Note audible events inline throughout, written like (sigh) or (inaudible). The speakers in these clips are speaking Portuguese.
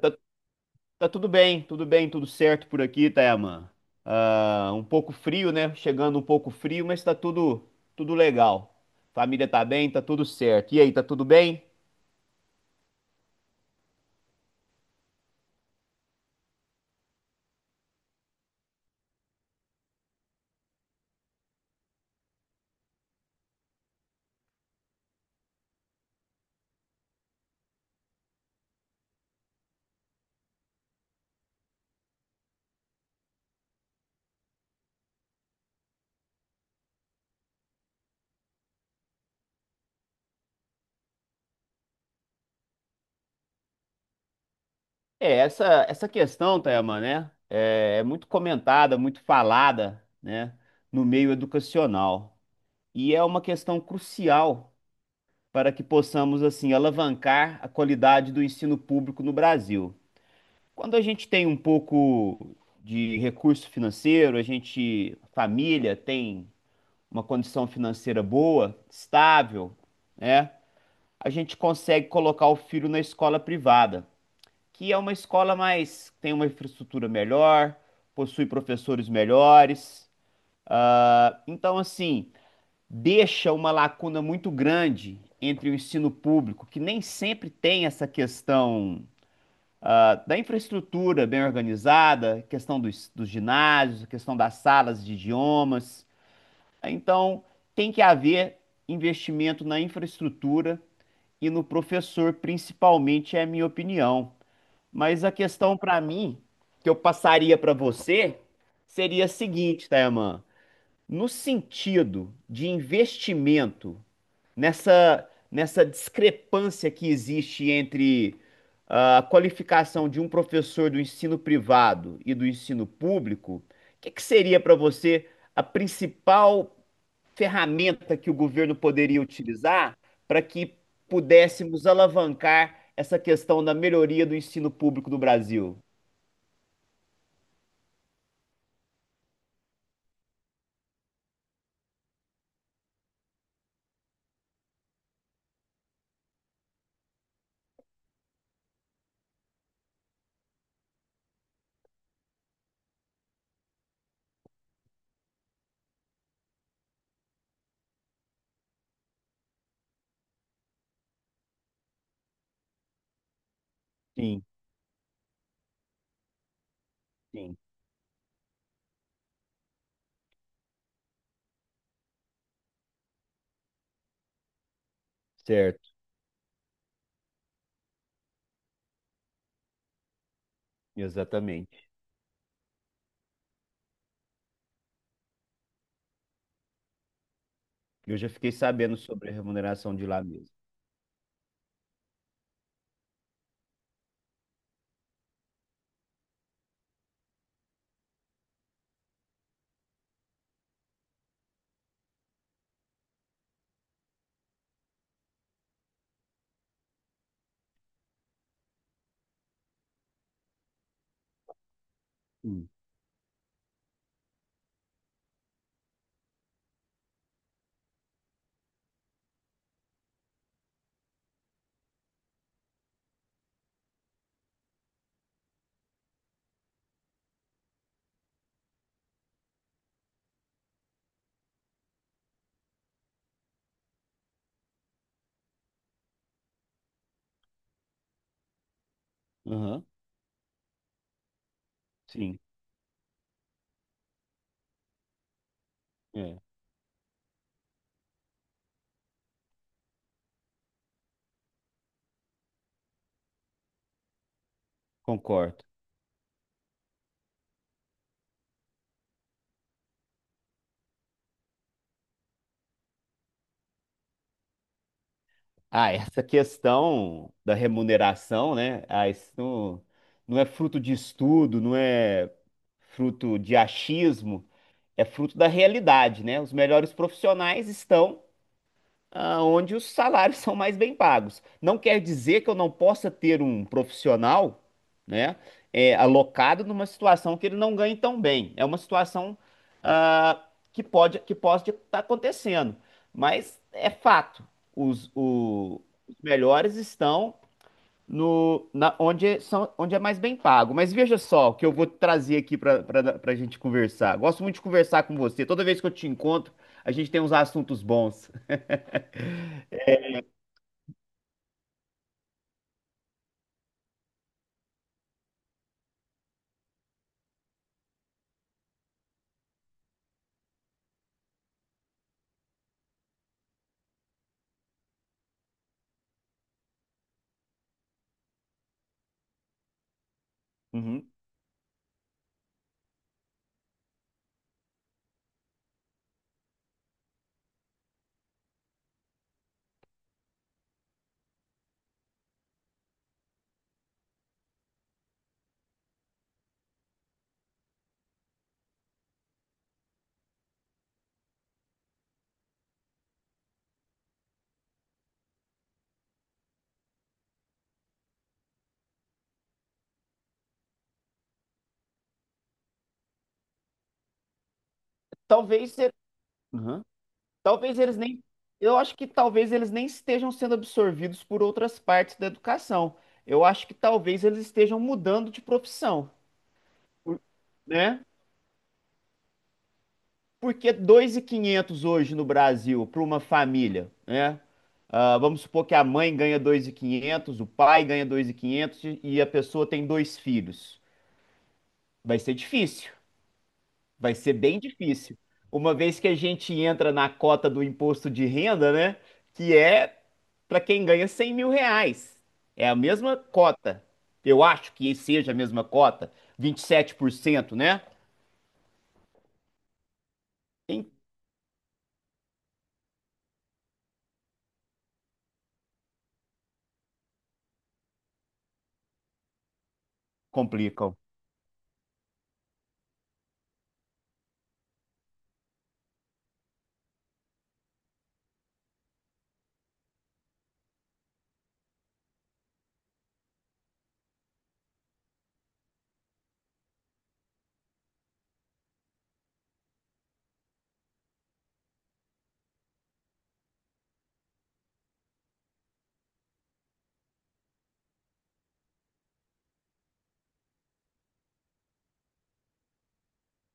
Tá, tá tudo bem, tudo bem, tudo certo por aqui, Tayaman. Ah, um pouco frio, né? Chegando um pouco frio, mas tá tudo, tudo legal. Família tá bem, tá tudo certo. E aí, tá tudo bem? É, essa questão, Tayaman, né? É muito comentada, muito falada, né? No meio educacional. E é uma questão crucial para que possamos, assim, alavancar a qualidade do ensino público no Brasil. Quando a gente tem um pouco de recurso financeiro, a família tem uma condição financeira boa, estável, né? A gente consegue colocar o filho na escola privada, que é uma escola mais, tem uma infraestrutura melhor, possui professores melhores. Ah, então, assim, deixa uma lacuna muito grande entre o ensino público, que nem sempre tem essa questão ah, da infraestrutura bem organizada, questão dos ginásios, questão das salas de idiomas. Então, tem que haver investimento na infraestrutura e no professor, principalmente, é a minha opinião. Mas a questão para mim, que eu passaria para você, seria a seguinte, Tayaman. No sentido de investimento nessa discrepância que existe entre ah, a qualificação de um professor do ensino privado e do ensino público, o que que seria para você a principal ferramenta que o governo poderia utilizar para que pudéssemos alavancar essa questão da melhoria do ensino público do Brasil? Sim, sim, certo, exatamente. Eu já fiquei sabendo sobre a remuneração de lá mesmo. Sim. Aham, sim, é, concordo. Ah, essa questão da remuneração, né? Ah, não é fruto de estudo, não é fruto de achismo, é fruto da realidade, né? Os melhores profissionais estão ah, onde os salários (laughs) são mais bem pagos. Não quer dizer que eu não possa ter um profissional, né, é, alocado numa situação que ele não ganhe tão bem. É uma situação ah, que pode estar acontecendo, mas é fato. Os, o- os melhores estão no na, onde são onde é mais bem pago. Mas veja só o que eu vou trazer aqui para a gente conversar. Gosto muito de conversar com você. Toda vez que eu te encontro, a gente tem uns assuntos bons. Uhum. Talvez, ser Uhum. Talvez eles nem. Eu acho que talvez eles nem estejam sendo absorvidos por outras partes da educação. Eu acho que talvez eles estejam mudando de profissão, né? Porque 2.500 hoje no Brasil para uma família, né? Ah, vamos supor que a mãe ganha 2.500, o pai ganha 2.500 e a pessoa tem dois filhos. Vai ser difícil. Vai ser bem difícil. Uma vez que a gente entra na cota do imposto de renda, né? Que é para quem ganha 100 mil reais. É a mesma cota. Eu acho que seja a mesma cota, 27%, né? Quem complicam.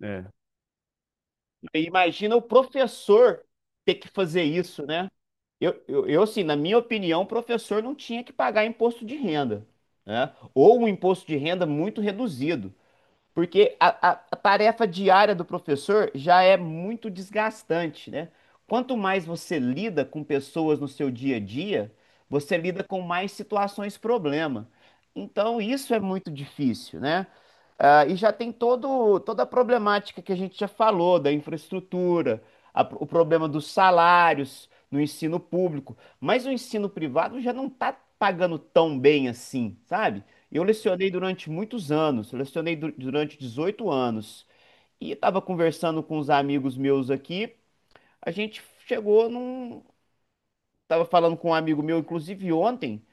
É. E imagina o professor ter que fazer isso, né? Eu assim, na minha opinião, o professor não tinha que pagar imposto de renda, né? Ou um imposto de renda muito reduzido. Porque a tarefa diária do professor já é muito desgastante, né? Quanto mais você lida com pessoas no seu dia a dia, você lida com mais situações problema. Então, isso é muito difícil, né? Ah, e já tem toda a problemática que a gente já falou, da infraestrutura, a- o problema dos salários no ensino público. Mas o ensino privado já não está pagando tão bem assim, sabe? Eu lecionei durante muitos anos, eu lecionei durante 18 anos. E estava conversando com os amigos meus aqui, a gente chegou num. Estava falando com um amigo meu, inclusive ontem,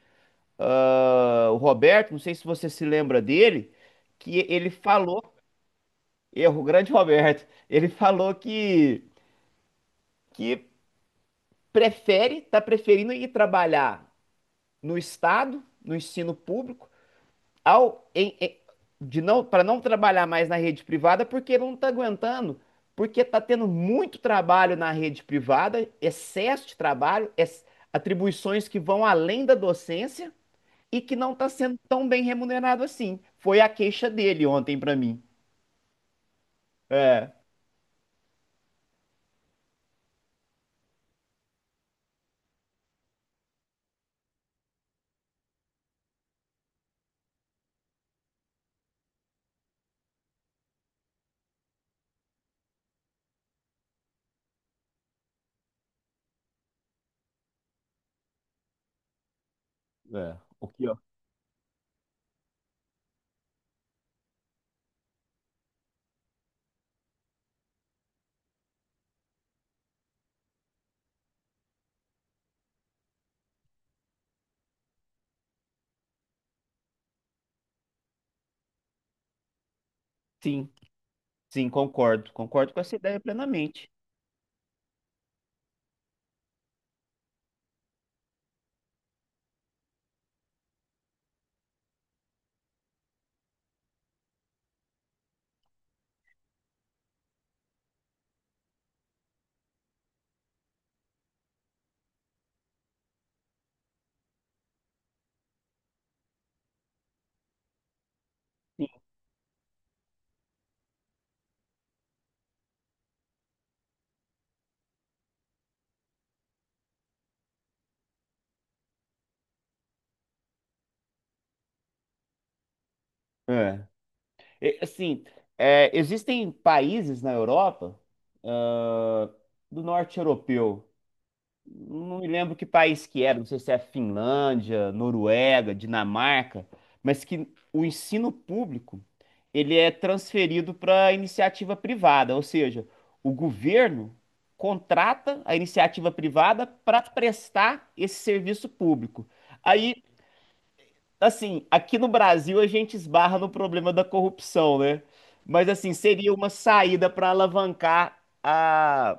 ah, o Roberto, não sei se você se lembra dele, que ele falou, é o grande (laughs) Roberto, ele falou que prefere, está preferindo ir trabalhar no Estado, no ensino público ao em- em- de não para não trabalhar mais na rede privada porque ele não está aguentando, porque está tendo muito trabalho na rede privada, excesso de trabalho, ex- atribuições que vão além da docência e que não está sendo tão bem remunerado assim. Foi a queixa dele ontem para mim. É, o que, ó. Sim, sim, concordo, concordo com essa ideia plenamente. Sim. É. E, assim, é, existem países na Europa, ah, do norte europeu. Não me lembro que país que era, não sei se é Finlândia, Noruega, Dinamarca, mas que o ensino público ele é transferido para iniciativa privada, ou seja, o governo contrata a iniciativa privada para prestar esse serviço público. Aí, assim, aqui no Brasil a gente esbarra no problema da corrupção, né? Mas assim, seria uma saída para alavancar a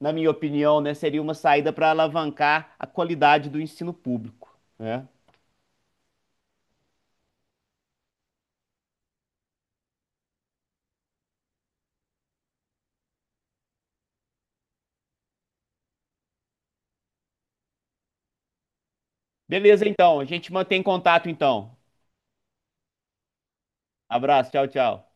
na minha opinião, né, seria uma saída para alavancar a qualidade do ensino público, né? Beleza, então. A gente mantém contato, então. Abraço, tchau, tchau.